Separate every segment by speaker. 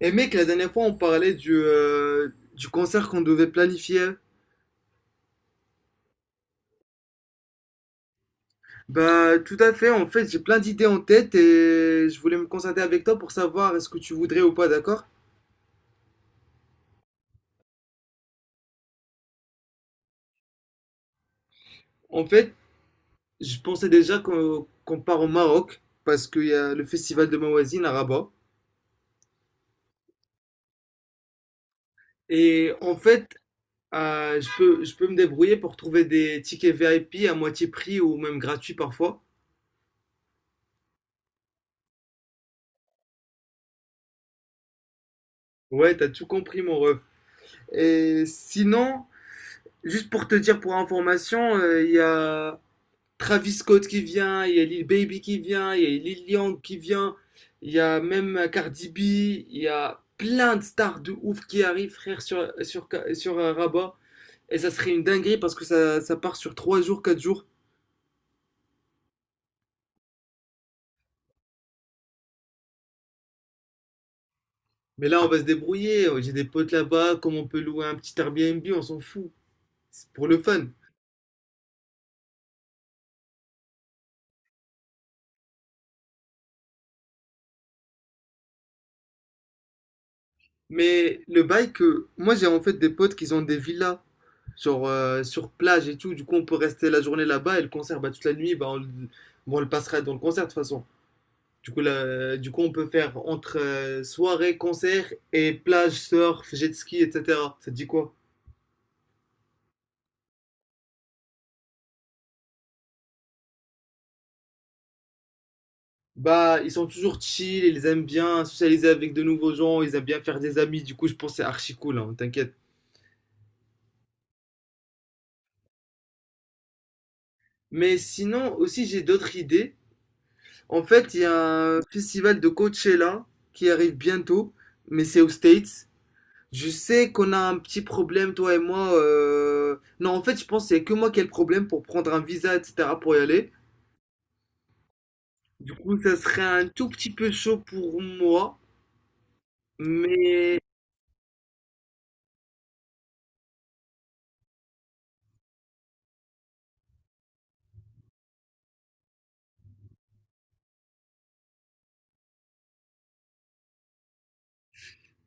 Speaker 1: Et mec, la dernière fois, on parlait du concert qu'on devait planifier. Bah, tout à fait. En fait, j'ai plein d'idées en tête et je voulais me concerter avec toi pour savoir est-ce que tu voudrais ou pas, d'accord? En fait, je pensais déjà qu'on part au Maroc parce qu'il y a le festival de Mawazine à Rabat. Et en fait, je peux me débrouiller pour trouver des tickets VIP à moitié prix ou même gratuits parfois. Ouais, t'as tout compris, mon ref. Et sinon, juste pour te dire pour information, il y a. Travis Scott qui vient, il y a Lil Baby qui vient, il y a Lil Yang qui vient, il y a même Cardi B, il y a plein de stars de ouf qui arrivent, frère, sur Rabat. Et ça serait une dinguerie parce que ça part sur 3 jours, 4 jours. Mais là, on va se débrouiller. Oh, j'ai des potes là-bas, comme on peut louer un petit Airbnb, on s'en fout. C'est pour le fun. Mais le bail que moi, j'ai en fait des potes qui ont des villas sur plage et tout. Du coup, on peut rester la journée là-bas et le concert, bah, toute la nuit, bah, bon, on le passera dans le concert de toute façon. Du coup, on peut faire entre soirée, concert et plage, surf, jet ski, etc. Ça te dit quoi? Bah, ils sont toujours chill, ils aiment bien socialiser avec de nouveaux gens, ils aiment bien faire des amis, du coup, je pense que c'est archi cool, hein, t'inquiète. Mais sinon, aussi, j'ai d'autres idées. En fait, il y a un festival de Coachella qui arrive bientôt, mais c'est aux States. Je sais qu'on a un petit problème, toi et moi. Non, en fait, je pense que c'est que moi qui ai le problème pour prendre un visa, etc., pour y aller. Du coup, ça serait un tout petit peu chaud pour moi, mais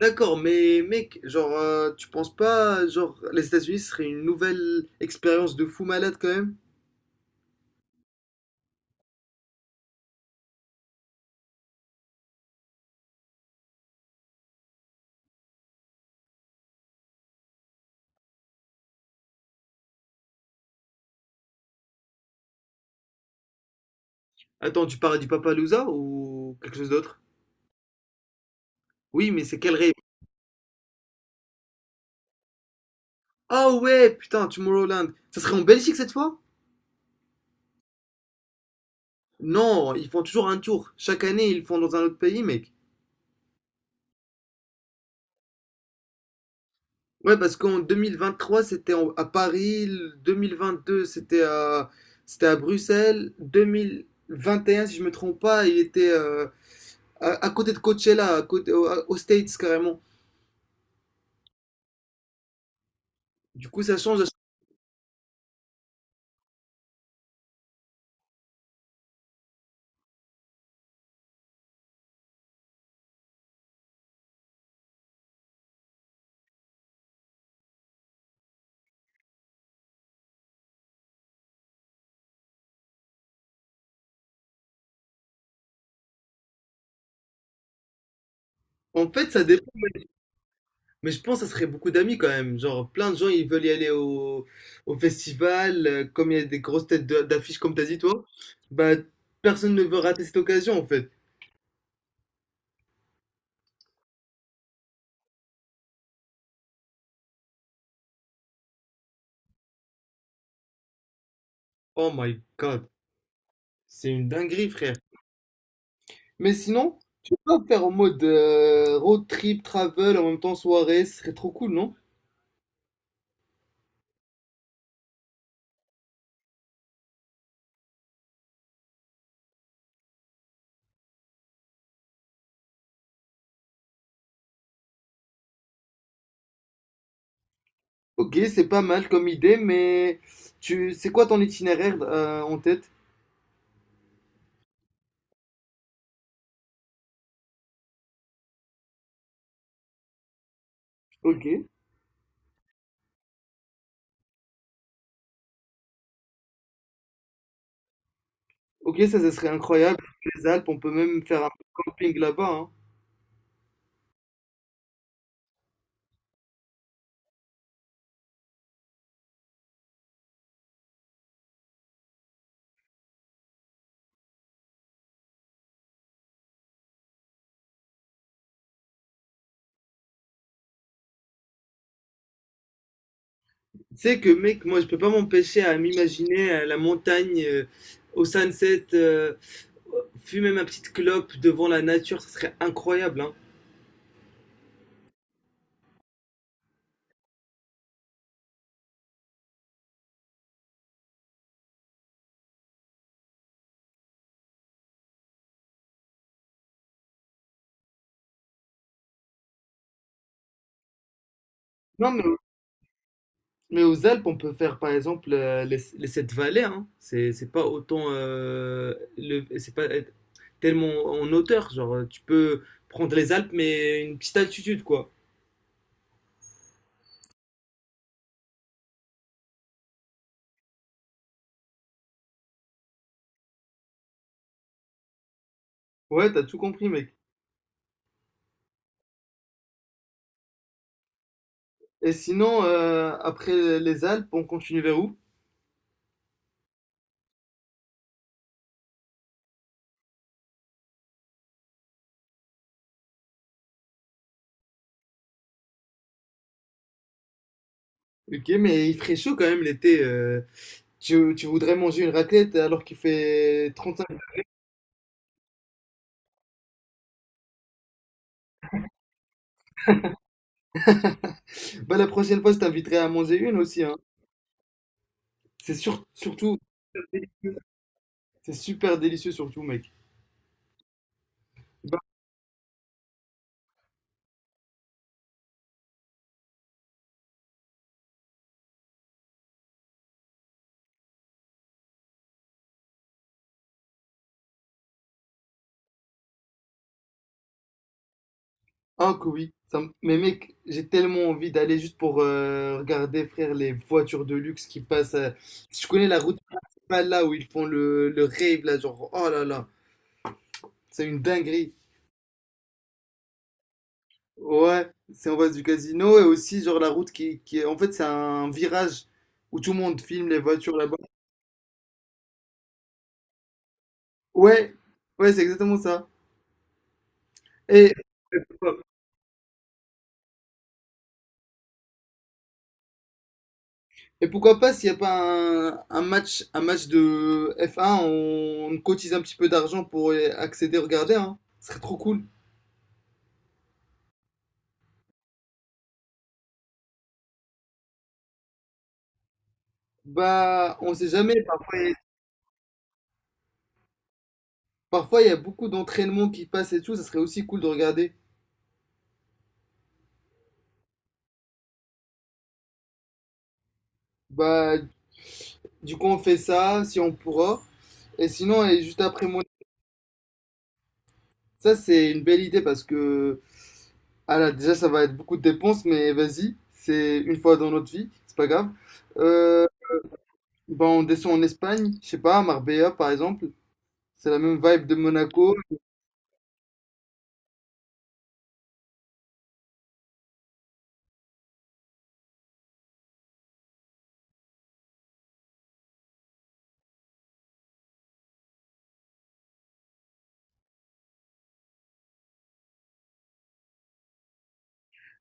Speaker 1: d'accord, mais mec, genre, tu penses pas, genre, les États-Unis ce serait une nouvelle expérience de fou malade quand même? Attends, tu parles du Loza ou quelque chose d'autre? Oui, mais c'est quel rêve? Ah ouais, putain, Tomorrowland, ça serait en Belgique cette fois? Non, ils font toujours un tour. Chaque année, ils le font dans un autre pays, mec. Ouais, parce qu'en 2023, à Paris, le 2022, c'était à Bruxelles, 2021, si je me trompe pas, il était à côté de Coachella, à côté, aux States carrément. Du coup, ça change. En fait, ça dépend, mais je pense que ça serait beaucoup d'amis quand même. Genre, plein de gens, ils veulent y aller au festival, comme il y a des grosses d'affiches, comme t'as dit toi, bah, personne ne veut rater cette occasion en fait. Oh my God, c'est une dinguerie, frère. Mais sinon, tu peux pas faire en mode road trip, travel, en même temps soirée, ce serait trop cool, non? Ok, c'est pas mal comme idée, mais c'est quoi ton itinéraire en tête? Ok, ok, ça serait incroyable. Les Alpes, on peut même faire un camping là-bas, hein. Tu sais que, mec, moi, je peux pas m'empêcher à m'imaginer la montagne au sunset, fumer ma petite clope devant la nature, ça serait incroyable, hein. Non, mais aux Alpes, on peut faire par exemple les sept vallées. Hein. C'est pas autant, c'est pas être tellement en hauteur. Genre, tu peux prendre les Alpes, mais une petite altitude, quoi. Ouais, t'as tout compris, mec. Et sinon, après les Alpes, on continue vers où? Ok, mais il ferait chaud quand même l'été. Tu voudrais manger une raclette alors qu'il fait 35. Bah, la prochaine fois, je t'inviterai à manger une aussi, hein. Surtout, c'est super délicieux, surtout, mec. Ah que oui, mais mec, j'ai tellement envie d'aller juste pour regarder, frère, les voitures de luxe qui passent. Je connais la route principale là où ils font le rave là, genre, oh là là, c'est une dinguerie. Ouais, c'est en face du casino et aussi genre la route qui est, en fait, c'est un virage où tout le monde filme les voitures là-bas. Ouais, ouais, c'est exactement ça. Et, et pourquoi pas s'il n'y a pas un match, un match de F1, on cotise un petit peu d'argent pour accéder, regarder, hein. Ce serait trop cool. Bah, on sait jamais. Parfois, il y a beaucoup d'entraînements qui passent et tout. Ça serait aussi cool de regarder. Bah, du coup, on fait ça si on pourra. Et sinon, et juste après moi, ça c'est une belle idée parce que, ah là, déjà, ça va être beaucoup de dépenses, mais vas-y, c'est une fois dans notre vie, c'est pas grave. Euh, bah, on descend en Espagne, je sais pas, à Marbella par exemple. C'est la même vibe de Monaco.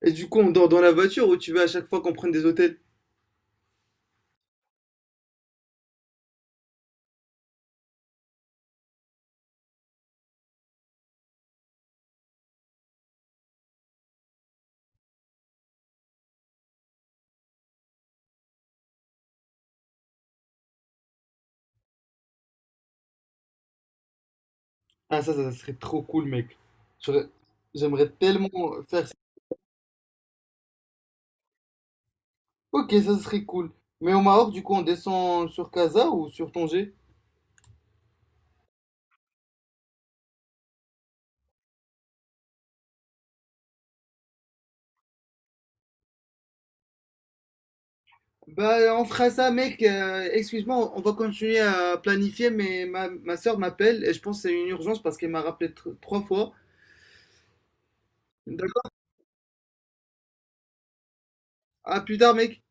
Speaker 1: Et du coup, on dort dans la voiture ou tu veux à chaque fois qu'on prenne des hôtels? Ah, ça serait trop cool, mec. J'aurais- j'aimerais tellement faire ok, ça serait cool. Mais au Maroc, du coup, on descend sur Casa ou sur Tanger? Bah, on fera ça, mec. Excuse-moi, on va continuer à planifier, mais ma soeur m'appelle et je pense que c'est une urgence parce qu'elle m'a rappelé trois fois. D'accord? À plus tard, mec.